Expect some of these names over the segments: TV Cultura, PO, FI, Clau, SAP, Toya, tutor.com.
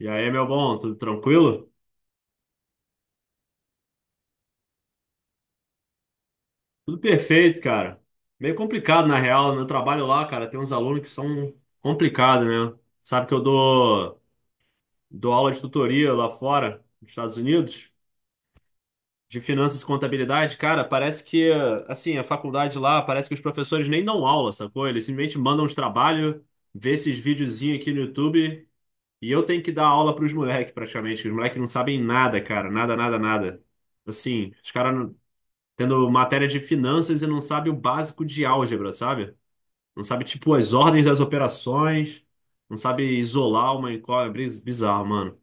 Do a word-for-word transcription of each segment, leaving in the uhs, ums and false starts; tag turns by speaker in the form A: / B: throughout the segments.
A: E aí, meu bom, tudo tranquilo? Tudo perfeito, cara. Meio complicado, na real. Meu trabalho lá, cara, tem uns alunos que são complicados, né? Sabe que eu dou, dou aula de tutoria lá fora, nos Estados Unidos, de finanças e contabilidade. Cara, parece que, assim, a faculdade lá, parece que os professores nem dão aula, sacou? Eles simplesmente mandam os trabalhos, vê esses videozinhos aqui no YouTube, e eu tenho que dar aula pros moleques, praticamente. Os moleques não sabem nada, cara. Nada, nada, nada. Assim, os caras tendo matéria de finanças e não sabe o básico de álgebra, sabe? Não sabe, tipo, as ordens das operações, não sabe isolar uma incógnita, é bizarro, mano.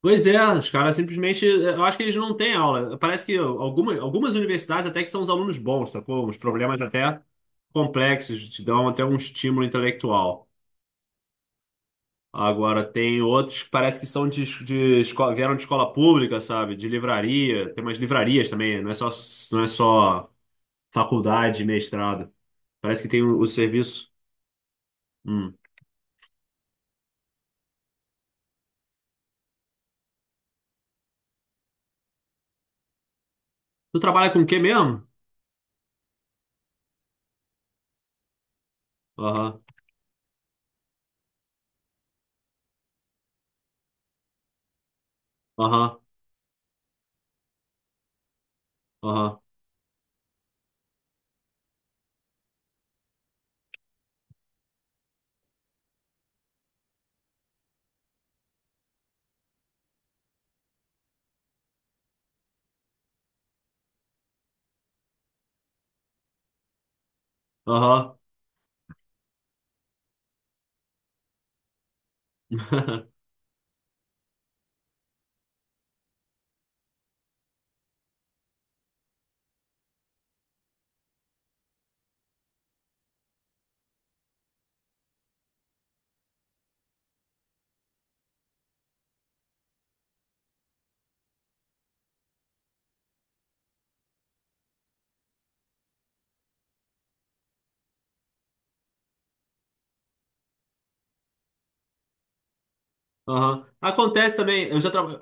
A: Pois é, os caras simplesmente, eu acho que eles não têm aula. Parece que algumas, algumas universidades até que são os alunos bons, sacou? Uns problemas até complexos, te dão até um estímulo intelectual. Agora, tem outros que parece que são de, de escola, vieram de escola pública, sabe? De livraria, tem umas livrarias também, não é só, não é só faculdade, mestrado. Parece que tem o, o serviço. Hum. Tu trabalha com o quê mesmo? Aham, aham, aham, aham. Aham. Acontece também. Eu já trabalho.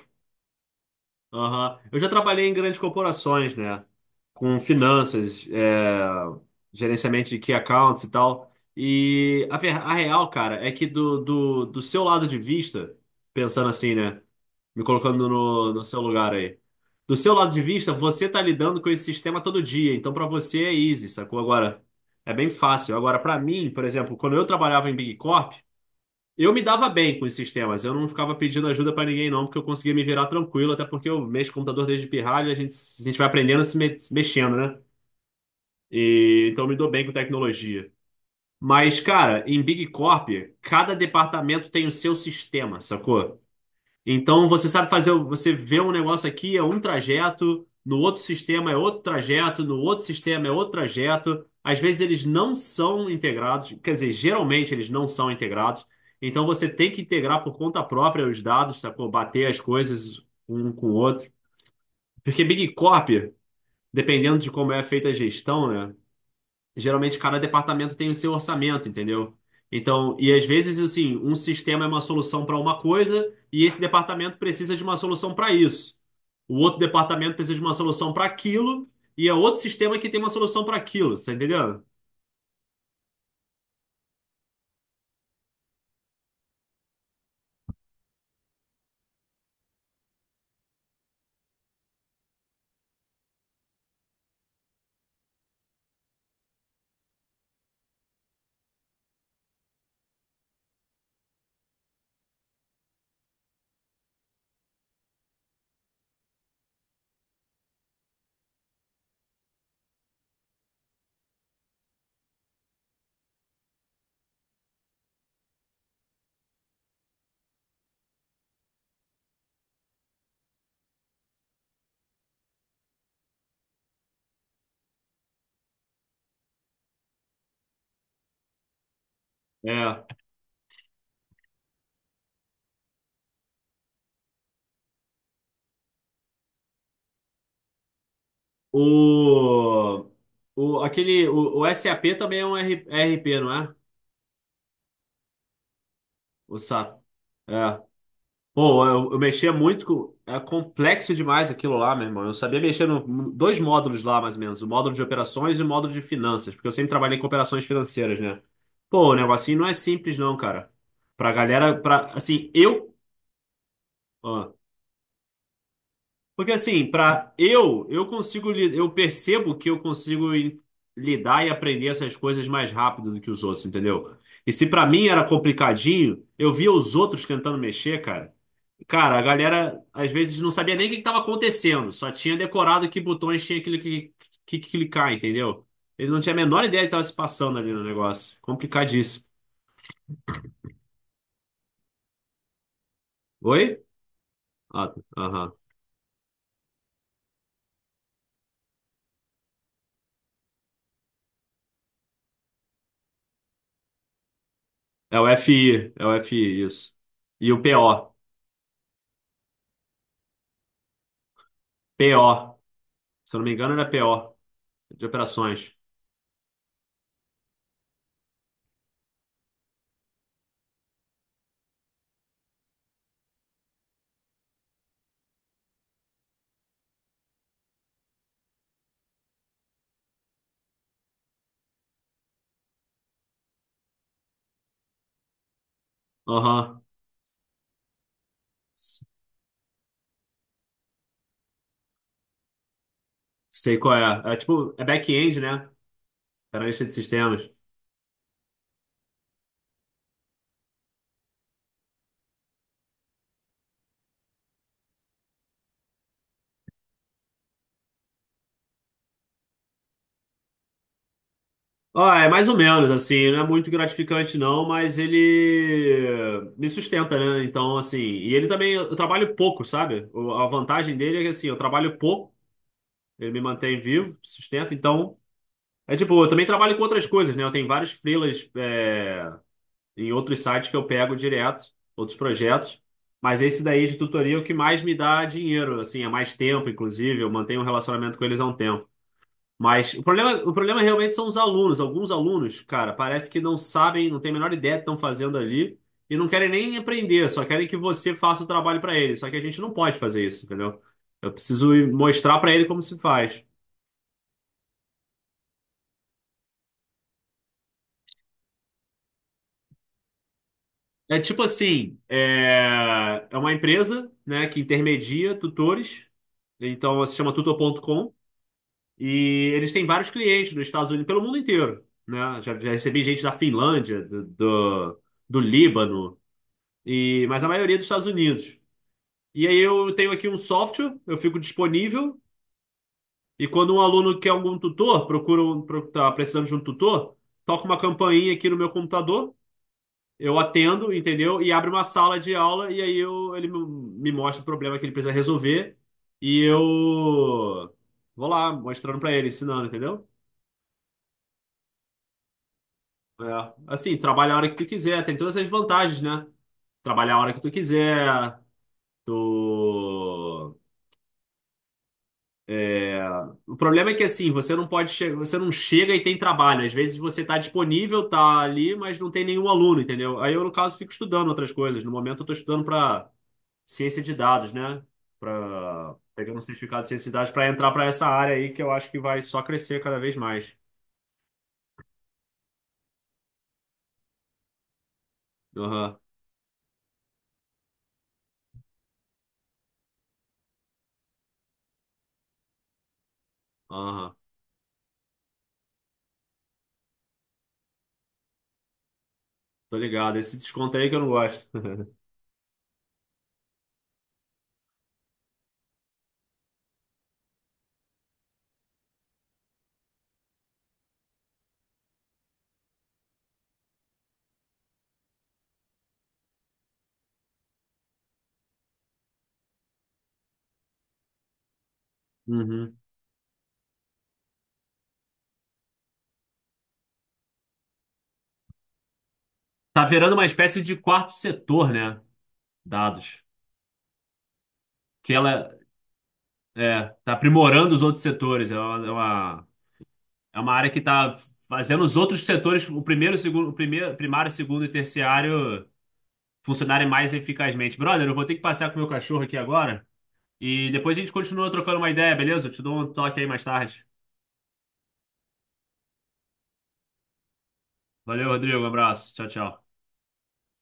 A: Aham. Eu já trabalhei em grandes corporações, né? Com finanças, é, gerenciamento de key accounts e tal. E a, ver- a real, cara, é que do, do, do seu lado de vista, pensando assim, né? Me colocando no, no seu lugar aí. Do seu lado de vista, você tá lidando com esse sistema todo dia. Então, pra você é easy, sacou? Agora, é bem fácil. Agora, pra mim, por exemplo, quando eu trabalhava em Big Corp, eu me dava bem com esses temas, eu não ficava pedindo ajuda pra ninguém, não, porque eu conseguia me virar tranquilo, até porque eu mexo com computador desde pirralho, a gente, a gente vai aprendendo se, me- se mexendo, né? E então eu me dou bem com tecnologia. Mas, cara, em Big Corp, cada departamento tem o seu sistema, sacou? Então você sabe fazer, você vê um negócio aqui, é um trajeto, no outro sistema é outro trajeto, no outro sistema é outro trajeto. Às vezes eles não são integrados, quer dizer, geralmente eles não são integrados. Então você tem que integrar por conta própria os dados, sacou? Bater as coisas um com o outro. Porque Big Corp, dependendo de como é feita a gestão, né? Geralmente cada departamento tem o seu orçamento, entendeu? Então, e às vezes, assim, um sistema é uma solução para uma coisa e esse departamento precisa de uma solução para isso. O outro departamento precisa de uma solução para aquilo e é outro sistema que tem uma solução para aquilo, tá entendendo? É. O, o, aquele, o, o SAP também é um R- RP, não é? O SAP. É. Pô, eu, eu mexia muito com. É complexo demais aquilo lá, meu irmão. Eu sabia mexer no dois módulos lá, mais ou menos. O módulo de operações e o módulo de finanças, porque eu sempre trabalhei com operações financeiras, né? Pô, o negocinho não é simples, não, cara. Pra galera, pra, assim, eu. Porque assim, para eu, eu consigo, li- eu percebo que eu consigo em- lidar e aprender essas coisas mais rápido do que os outros, entendeu? E se para mim era complicadinho, eu via os outros tentando mexer, cara. Cara, a galera às vezes não sabia nem o que estava acontecendo, só tinha decorado que botões tinha aquilo que, que, que clicar, entendeu? Ele não tinha a menor ideia do que estava se passando ali no negócio. Complicadíssimo. Oi? Ah, aham. É o F I, é o F I, isso. E o P O P O Se eu não me engano, ele é P O, de operações. Aham. Sei qual é. É tipo, é back-end, né? Analista de sistemas. Ah, é mais ou menos, assim, não é muito gratificante não, mas ele me sustenta, né? Então, assim, e ele também, eu trabalho pouco, sabe? O- A vantagem dele é que, assim, eu trabalho pouco, ele me mantém vivo, sustenta, então... É tipo, eu também trabalho com outras coisas, né? Eu tenho vários freelas, é, em outros sites que eu pego direto, outros projetos. Mas esse daí de tutoria é o que mais me dá dinheiro, assim, há mais tempo, inclusive. Eu mantenho um relacionamento com eles há um tempo. Mas o problema, o problema realmente são os alunos. Alguns alunos, cara, parece que não sabem, não têm a menor ideia do que estão fazendo ali e não querem nem aprender, só querem que você faça o trabalho para eles. Só que a gente não pode fazer isso, entendeu? Eu preciso ir mostrar para ele como se faz. É tipo assim, é, é uma empresa, né, que intermedia tutores, então se chama tutor ponto com, e eles têm vários clientes nos Estados Unidos, pelo mundo inteiro, né? Já, já recebi gente da Finlândia, do, do, do Líbano, e, mas a maioria dos Estados Unidos. E aí eu tenho aqui um software, eu fico disponível, e quando um aluno quer algum tutor, procura um, pro- tá precisando de um tutor, toca uma campainha aqui no meu computador. Eu atendo, entendeu? E abre uma sala de aula e aí eu, ele me me mostra o problema que ele precisa resolver e eu vou lá mostrando pra ele, ensinando, entendeu? É. Assim, trabalha a hora que tu quiser, tem todas essas vantagens, né? Trabalhar a hora que tu quiser, tu... é, o problema é que assim, você não pode che... você não chega e tem trabalho. Às vezes você tá disponível, tá ali, mas não tem nenhum aluno, entendeu? Aí eu, no caso, fico estudando outras coisas. No momento eu tô estudando pra ciência de dados, né? Para pegar um certificado de ciência de dados para entrar para essa área aí que eu acho que vai só crescer cada vez mais. Aham, aham. Tô ligado. Esse desconto aí que eu não gosto. Uhum. Tá virando uma espécie de quarto setor, né? Dados. Que ela é, tá aprimorando os outros setores. É uma, é uma, é uma área que tá fazendo os outros setores, o primeiro, segundo, o primeiro, primário, segundo e terciário funcionarem mais eficazmente. Brother, eu vou ter que passear com o meu cachorro aqui agora. E depois a gente continua trocando uma ideia, beleza? Eu te dou um toque aí mais tarde. Valeu, Rodrigo. Um abraço. Tchau, tchau.